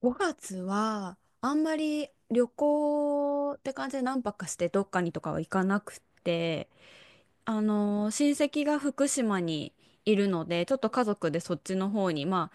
5月はあんまり旅行って感じで何泊かしてどっかにとかは行かなくて、あの親戚が福島にいるのでちょっと家族でそっちの方に、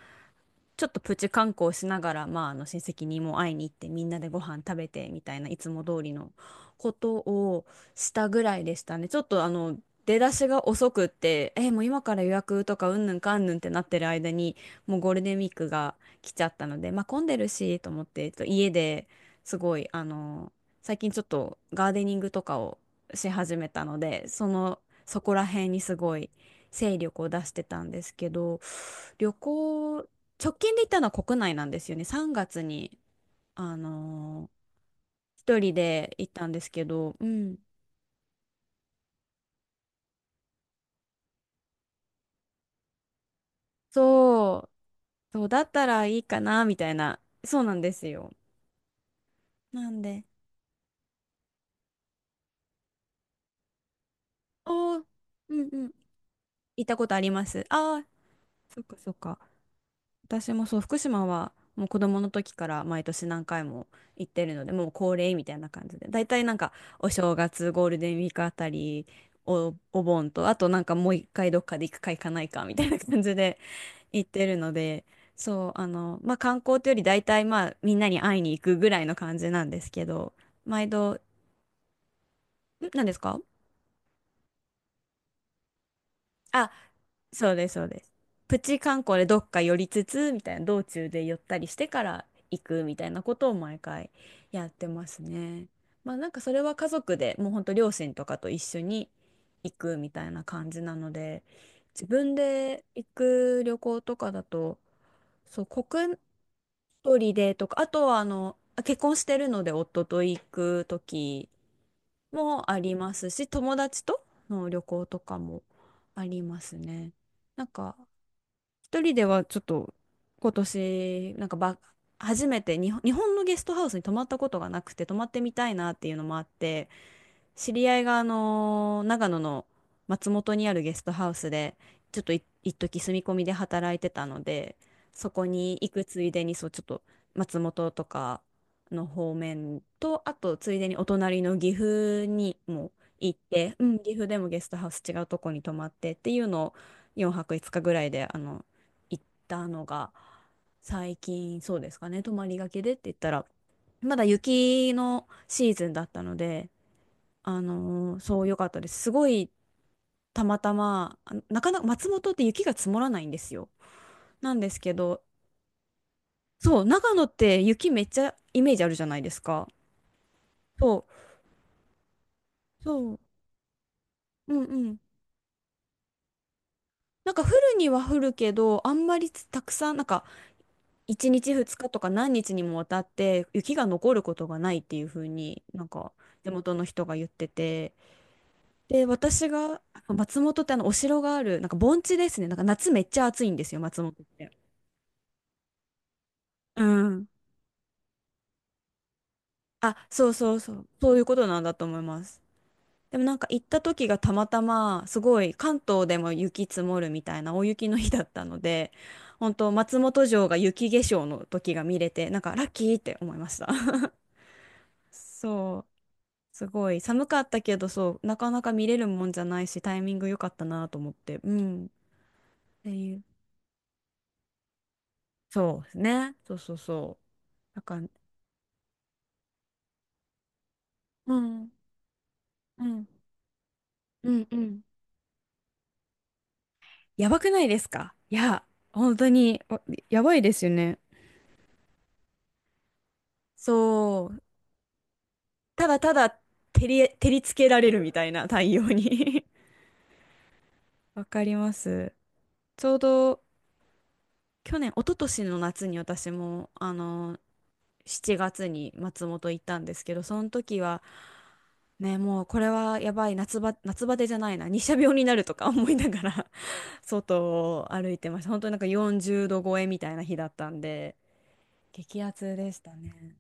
ちょっとプチ観光しながら、まあ、あの親戚にも会いに行ってみんなでご飯食べてみたいないつも通りのことをしたぐらいでしたね。ちょっと出だしが遅くってえもう今から予約とかうんぬんかんぬんってなってる間にもうゴールデンウィークが来ちゃったので、まあ、混んでるしと思って家ですごい最近ちょっとガーデニングとかをし始めたのでそこら辺にすごい精力を出してたんですけど。旅行直近で行ったのは国内なんですよね。3月に、あのー一人で行ったんですけど、うん。そう、そうだったらいいかな、みたいな。そうなんですよ。なんで。おー、うんうん。行ったことあります。ああ、そっかそっか。私もそう、福島はもう子供の時から毎年何回も行ってるので、もう恒例みたいな感じで、大体なんかお正月、ゴールデンウィークあたり、お盆と、あとなんかもう一回どっかで行くか行かないかみたいな感じで 行ってるので、そう、まあ観光というより大体まあみんなに会いに行くぐらいの感じなんですけど、毎度、何ですか。あそうです、そうです。プチ観光でどっか寄りつつ、みたいな、道中で寄ったりしてから行くみたいなことを毎回やってますね。まあなんかそれは家族でもうほんと両親とかと一緒に行くみたいな感じなので、自分で行く旅行とかだと、そう、国内でとか、あとは結婚してるので夫と行く時もありますし、友達との旅行とかもありますね。なんか一人ではちょっと今年なんか初めて日本のゲストハウスに泊まったことがなくて泊まってみたいなっていうのもあって知り合いが、長野の松本にあるゲストハウスで、ちょっと一時住み込みで働いてたので、そこに行くついでに、そう、ちょっと松本とかの方面と、あとついでにお隣の岐阜にも行って、うん、岐阜でもゲストハウス違うとこに泊まってっていうのを4泊5日ぐらいで、行ったのが、最近そうですかね、泊まりがけでって言ったら、まだ雪のシーズンだったので、そう、良かったです。すごい、たまたま、なかなか松本って雪が積もらないんですよ。なんですけど、そう、長野って雪めっちゃイメージあるじゃないですか。そう、そう、うんうん。なんか降るには降るけど、あんまりたくさん、なんか1日2日とか何日にもわたって雪が残ることがないっていう風になんか地元の人が言ってて、で、私が、松本ってお城がある、なんか盆地ですね。なんか夏めっちゃ暑いんですよ、松本って。うん。そうそうそう、そういうことなんだと思います。でもなんか行った時がたまたま、すごい関東でも雪積もるみたいな大雪の日だったので、本当松本城が雪化粧の時が見れて、なんかラッキーって思いました。そう、すごい寒かったけど、そう、なかなか見れるもんじゃないし、タイミング良かったなと思って、うん。っていう。そうですね。そうそうそう。なんか、うん、うん、うん、うん。やばくないですか。いや、本当に、やばいですよね。そう、ただただ照りつけられるみたいな太陽に。 わかります。ちょうど去年、一昨年の夏に私も、7月に松本行ったんですけど、その時は、ね、もうこれはやばい、夏バテじゃないな、日射病になるとか 思いながら 外を歩いてました。本当になんか40度超えみたいな日だったんで、激アツでしたね。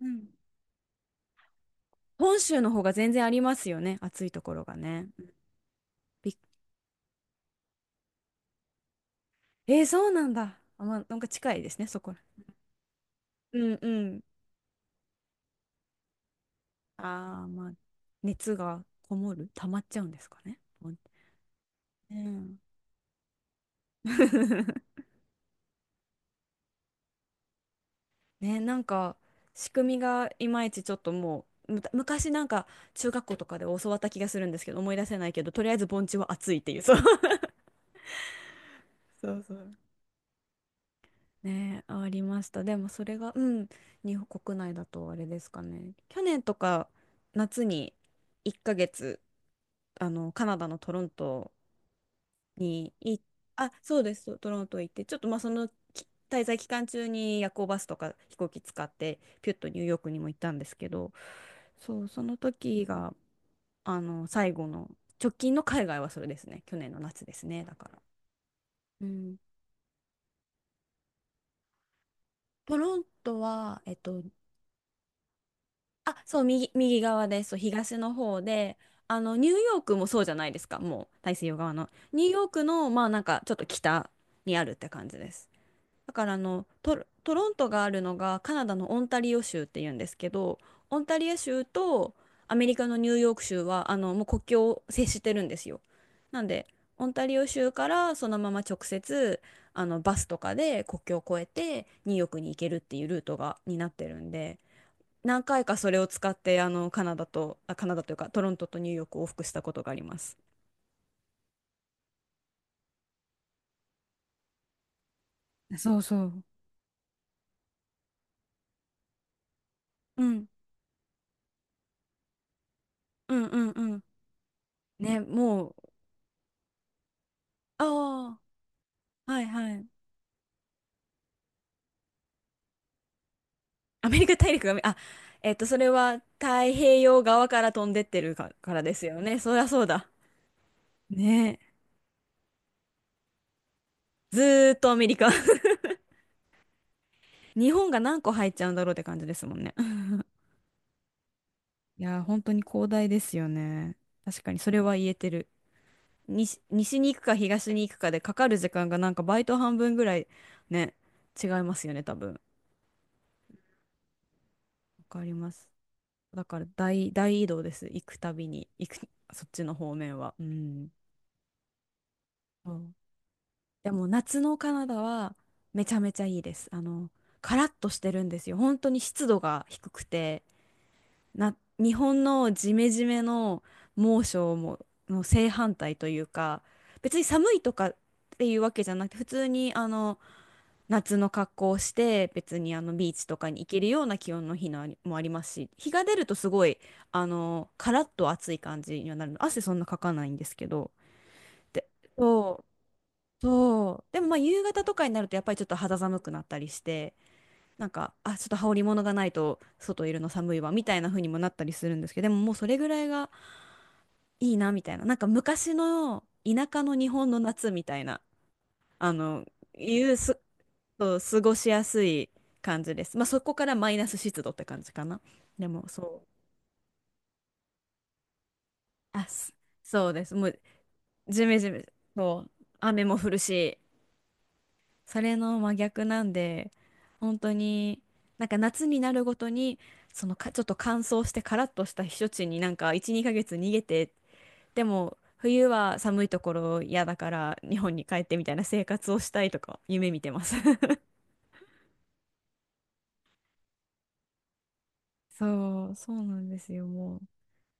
うん。本州の方が全然ありますよね。暑いところがね。びっえー、そうなんだ。あ、まあ、なんか近いですね、そこら。うんうん。ああ、まあ、熱がこもる、溜まっちゃうんですかね。うん。ね、なんか仕組みがいまいちちょっともう、昔なんか中学校とかで教わった気がするんですけど、思い出せないけど、とりあえず盆地は暑いっていう、そう。そうそう。ね、ありました。でもそれが、うん、日本国内だとあれですかね。去年とか夏に1ヶ月、カナダのトロントにあ、そうです、トロント行って、ちょっとまあそのき滞在期間中に夜行バスとか飛行機使って、ピュッとニューヨークにも行ったんですけど、そう、その時が、最後の、直近の海外はそれですね。去年の夏ですね、だから。うん、トロントは、そう、右側です。そう、東の方で、ニューヨークもそうじゃないですか、もう、大西洋側の。ニューヨークの、まあ、なんか、ちょっと北にあるって感じです。だから、トロントがあるのが、カナダのオンタリオ州っていうんですけど、オンタリオ州とアメリカのニューヨーク州は、もう国境を接してるんですよ。なんで、オンタリオ州からそのまま直接、バスとかで国境を越えて、ニューヨークに行けるっていうルートが、になってるんで、何回かそれを使ってカナダとカナダというかトロントとニューヨークを往復したことがあります。そうそう。うんうんうんうん。ね、もう、ああー、はいはい。アメリカ大陸がそれは太平洋側から飛んでってるか、からですよね。そりゃそうだね。ずーっとアメリカ。 日本が何個入っちゃうんだろうって感じですもんね。 いやー、本当に広大ですよね。確かにそれは言えてる。西に行くか東に行くかでかかる時間がなんかバイト半分ぐらいね、違いますよね、多分。わかります。だから大移動です。行くたびに、そっちの方面は。うん。そう、でも夏のカナダはめちゃめちゃいいです。カラッとしてるんですよ。本当に湿度が低くて、日本のジメジメの猛暑も、の正反対というか、別に寒いとかっていうわけじゃなくて、普通に夏の格好をして別にビーチとかに行けるような気温の日のもありますし、日が出るとすごいカラッと暑い感じにはなるの、汗そんなかかないんですけど、でそうそう、でもまあ夕方とかになるとやっぱりちょっと肌寒くなったりして、なんかちょっと羽織り物がないと外いるの寒いわみたいな風にもなったりするんですけど、でももうそれぐらいがいいなみたいな、なんか昔の田舎の日本の夏みたいなあのいうすそう、過ごしやすい感じです。まあそこからマイナス湿度って感じかな。でもそう。あ、すそうです。もうジメジメ、そう、雨も降るし、それの真逆なんで、本当になんか夏になるごとに、そのか、ちょっと乾燥してカラッとした避暑地になんか1、2ヶ月逃げて、でも冬は寒いところ嫌だから日本に帰ってみたいな生活をしたいとか夢見てます。そう、そうなんですよ、もう。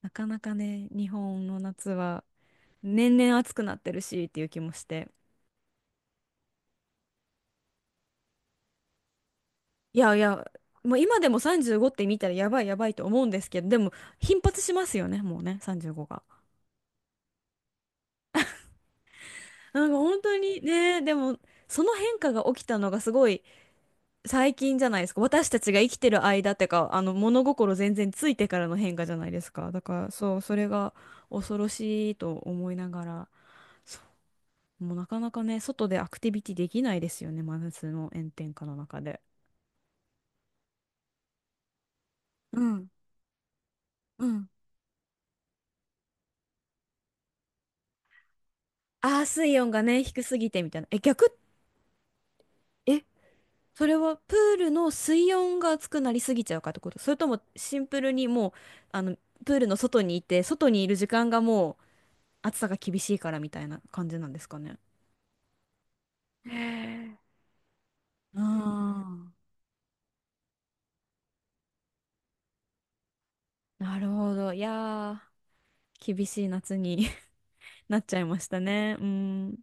なかなかね、日本の夏は年々暑くなってるしっていう気もして。いやいや、もう今でも35って見たらやばいやばいと思うんですけど、でも頻発しますよね、もうね、35が。なんか本当にね、でもその変化が起きたのがすごい最近じゃないですか。私たちが生きてる間ってか、物心全然ついてからの変化じゃないですか。だからそう、それが恐ろしいと思いながら、そう、もうなかなかね、外でアクティビティできないですよね、真夏の炎天下の中で。うん。うん。ああ、水温がね、低すぎてみたいな。え、逆、え、それはプールの水温が熱くなりすぎちゃうかってこと、それともシンプルにもう、あの、プールの外にいて、外にいる時間がもう暑さが厳しいからみたいな感じなんですかね。へえ。うん、なるほど。いやー、厳しい夏に なっちゃいましたね。うん。